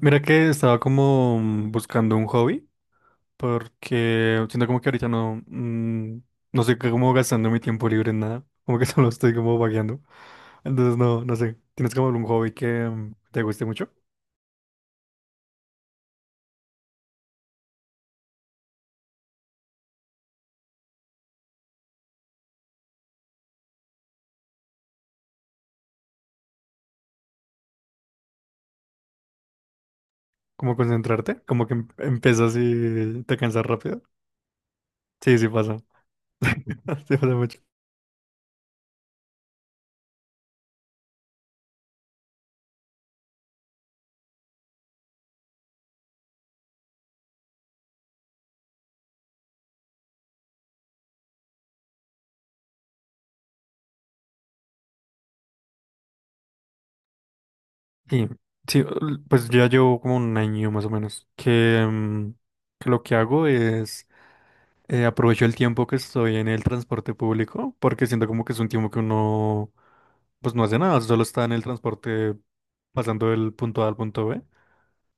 Mira que estaba como buscando un hobby, porque siento como que ahorita no, no sé cómo gastando mi tiempo libre en nada, como que solo estoy como vagueando. Entonces no sé, ¿tienes como algún hobby que te guste mucho? ¿Como concentrarte? ¿Como que empiezas y te cansas rápido? Sí, sí pasa. Sí pasa mucho. Sí, sí, pues ya llevo como un año más o menos, que que lo que hago es aprovecho el tiempo que estoy en el transporte público porque siento como que es un tiempo que uno pues no hace nada, solo está en el transporte pasando del punto A al punto B.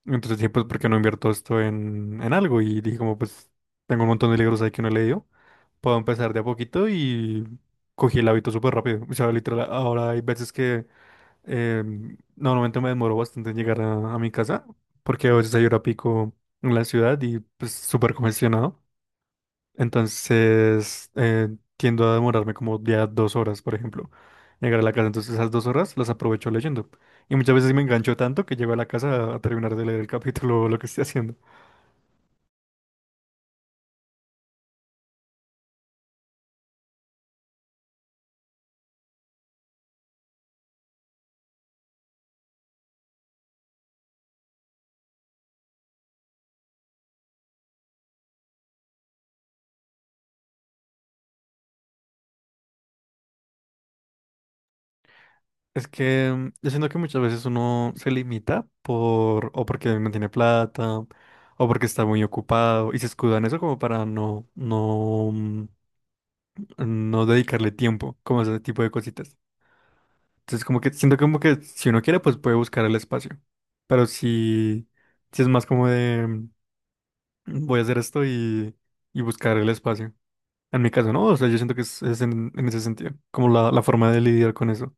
Entonces dije, pues, ¿por qué no invierto esto en algo? Y dije como, pues, tengo un montón de libros ahí que no he leído. Puedo empezar de a poquito y cogí el hábito súper rápido. O sea, literal, ahora hay veces que eh, normalmente me demoro bastante en llegar a mi casa porque a veces hay hora pico en la ciudad y pues súper congestionado. Entonces, tiendo a demorarme como ya dos horas, por ejemplo, llegar a la casa. Entonces, esas dos horas las aprovecho leyendo. Y muchas veces me engancho tanto que llego a la casa a terminar de leer el capítulo o lo que estoy haciendo. Es que yo siento que muchas veces uno se limita por, o porque no tiene plata, o porque está muy ocupado, y se escuda en eso como para no, no dedicarle tiempo, como ese tipo de cositas. Entonces, como que siento como que si uno quiere, pues puede buscar el espacio. Pero si, si es más como de voy a hacer esto y buscar el espacio. En mi caso, no, o sea, yo siento que es en ese sentido, como la forma de lidiar con eso.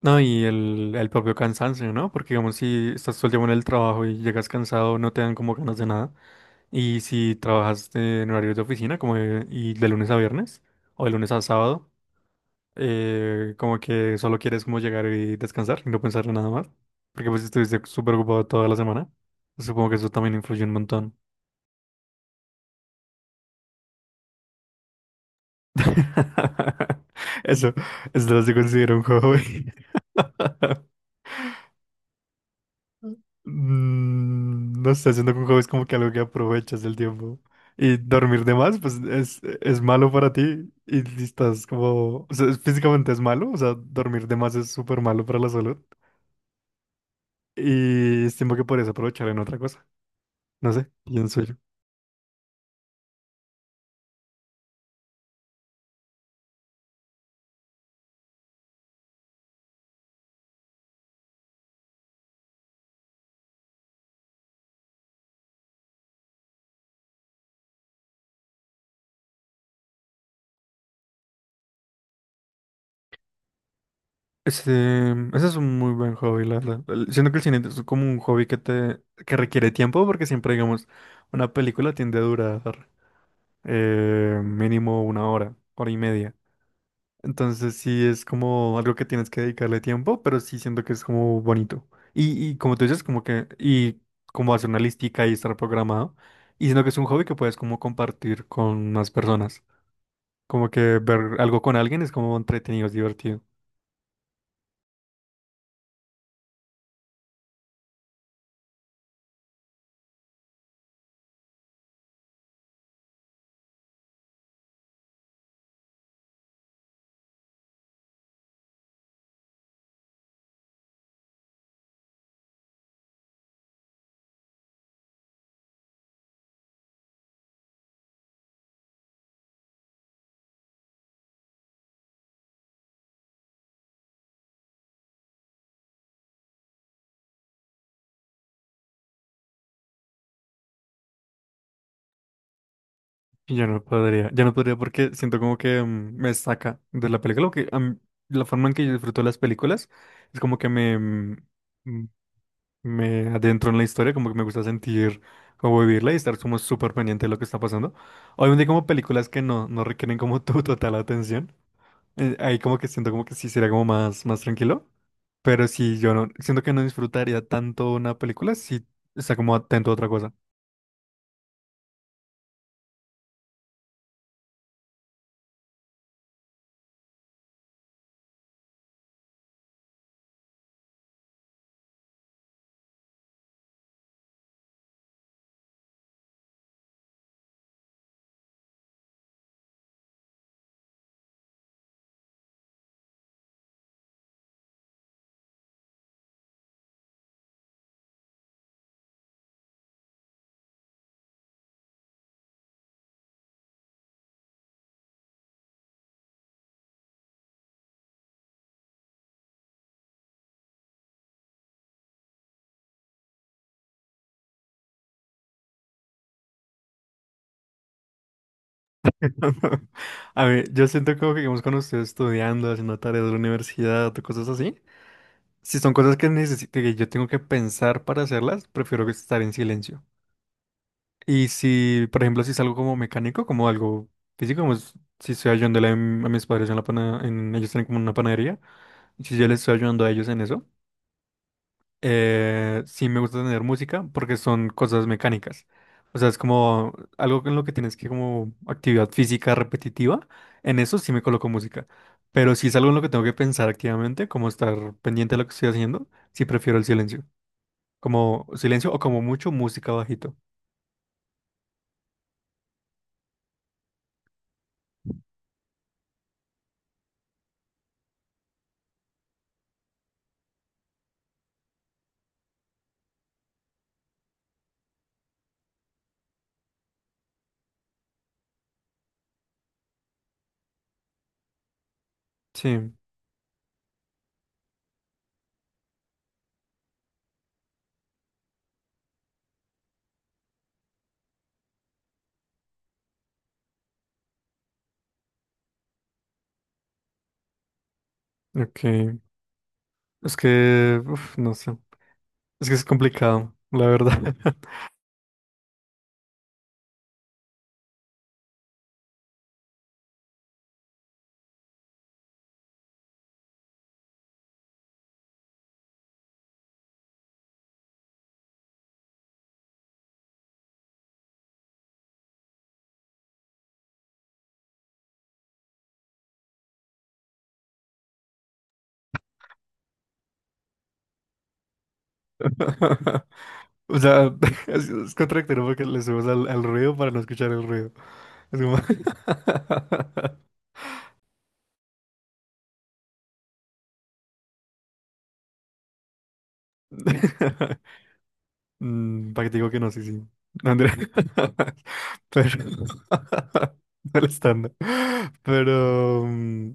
No, y el propio cansancio, ¿no? Porque digamos, si estás todo el tiempo en el trabajo y llegas cansado, no te dan como ganas de nada. Y si trabajas en horarios de oficina, como y de lunes a viernes, o de lunes a sábado. Como que solo quieres como llegar y descansar y no pensar en nada más. Porque pues estuviste súper ocupado toda la semana. Supongo que eso también influye un montón. Eso, eso no se considera un hobby. No sé, haciendo que un hobby es como que algo que aprovechas el tiempo. Y dormir de más, pues es malo para ti. Y si estás como, o sea, físicamente es malo. O sea, dormir de más es súper malo para la salud. Y estimo que podrías aprovechar en otra cosa. No sé, pienso yo. Este, ese es un muy buen hobby, la verdad. Siento que el cine es como un hobby que te, que requiere tiempo, porque siempre, digamos, una película tiende a durar mínimo una hora, hora y media. Entonces sí es como algo que tienes que dedicarle tiempo, pero sí siento que es como bonito. Y como tú dices, como que, y como hacer una listica y estar programado. Y siento que es un hobby que puedes como compartir con más personas. Como que ver algo con alguien es como entretenido, es divertido. Y yo no podría, ya no podría porque siento como que me saca de la película, lo que a la forma en que yo disfruto las películas es como que me, mm, me adentro en la historia, como que me gusta sentir como vivirla y estar como súper pendiente de lo que está pasando. Obviamente hay como películas que no, no requieren como tu total atención, ahí como que siento como que sí sería como más, más tranquilo, pero si yo no, siento que no disfrutaría tanto una película si está como atento a otra cosa. A ver, yo siento como que digamos, cuando estoy estudiando, haciendo tareas de la universidad o cosas así, si son cosas que necesito, que yo tengo que pensar para hacerlas, prefiero que estar en silencio. Y si, por ejemplo, si es algo como mecánico, como algo físico, como si estoy ayudándole a mis padres en la pana, en, ellos tienen como una panadería, y si yo les estoy ayudando a ellos en eso, sí me gusta tener música porque son cosas mecánicas. O sea, es como algo en lo que tienes que como actividad física repetitiva. En eso sí me coloco música. Pero si es algo en lo que tengo que pensar activamente, como estar pendiente de lo que estoy haciendo, sí prefiero el silencio. Como silencio o como mucho música bajito. Sí, ok. Es que, uf, no sé. Es que es complicado, la verdad. O sea, es contradictorio porque le subimos al ruido para no escuchar el ruido. Es como... Para que te digo que no, sí, sí. No, Andrea. Pero... el estándar. Pero...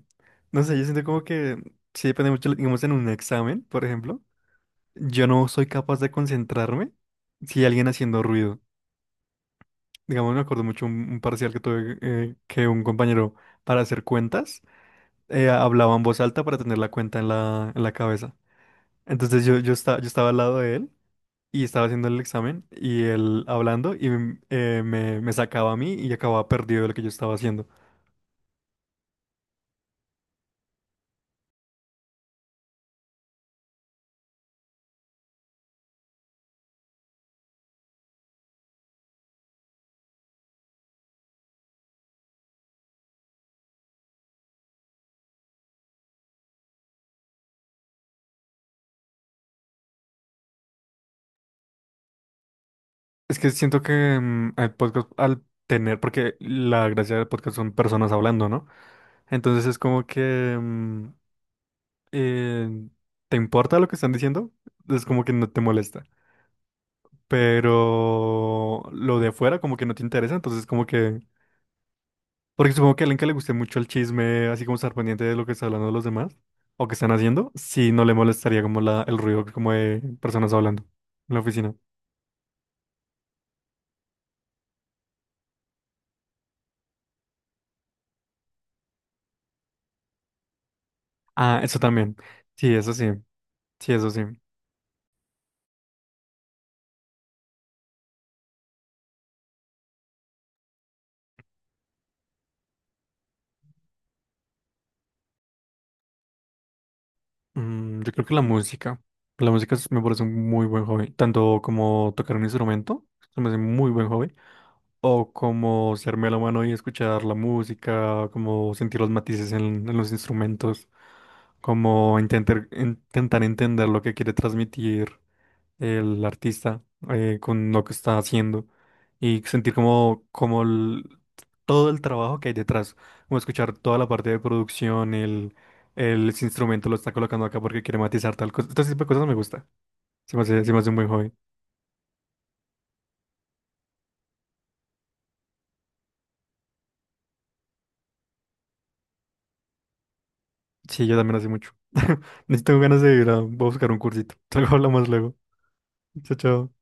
no sé, yo siento como que... Sí depende mucho, digamos, en un examen, por ejemplo. Yo no soy capaz de concentrarme si hay alguien haciendo ruido. Digamos, me acuerdo mucho un parcial que tuve que un compañero para hacer cuentas. Hablaba en voz alta para tener la cuenta en en la cabeza. Entonces yo estaba al lado de él y estaba haciendo el examen y él hablando y me sacaba a mí y acababa perdido de lo que yo estaba haciendo. Es que siento que el podcast al tener, porque la gracia del podcast son personas hablando, ¿no? Entonces es como que eh, te importa lo que están diciendo, es como que no te molesta. Pero lo de afuera como que no te interesa, entonces como que porque supongo que a alguien que le guste mucho el chisme, así como estar pendiente de lo que está hablando los demás o que están haciendo, sí no le molestaría como la, el ruido como de personas hablando en la oficina. Ah, eso también. Sí, eso sí. Sí, eso sí. Yo creo que la música. La música me parece un muy buen hobby. Tanto como tocar un instrumento, se me hace muy buen hobby. O como ser melómano y escuchar la música, como sentir los matices en los instrumentos, como intentar, intentar entender lo que quiere transmitir. El artista con lo que está haciendo y sentir como, como todo el trabajo que hay detrás, como escuchar toda la parte de producción, el ese instrumento lo está colocando acá porque quiere matizar tal cosa, este tipo de cosas me gusta, se me hace un buen hobby, sí, yo también hace mucho, necesito ganas de ir a, voy a buscar un cursito, luego hablamos luego, chao, chao.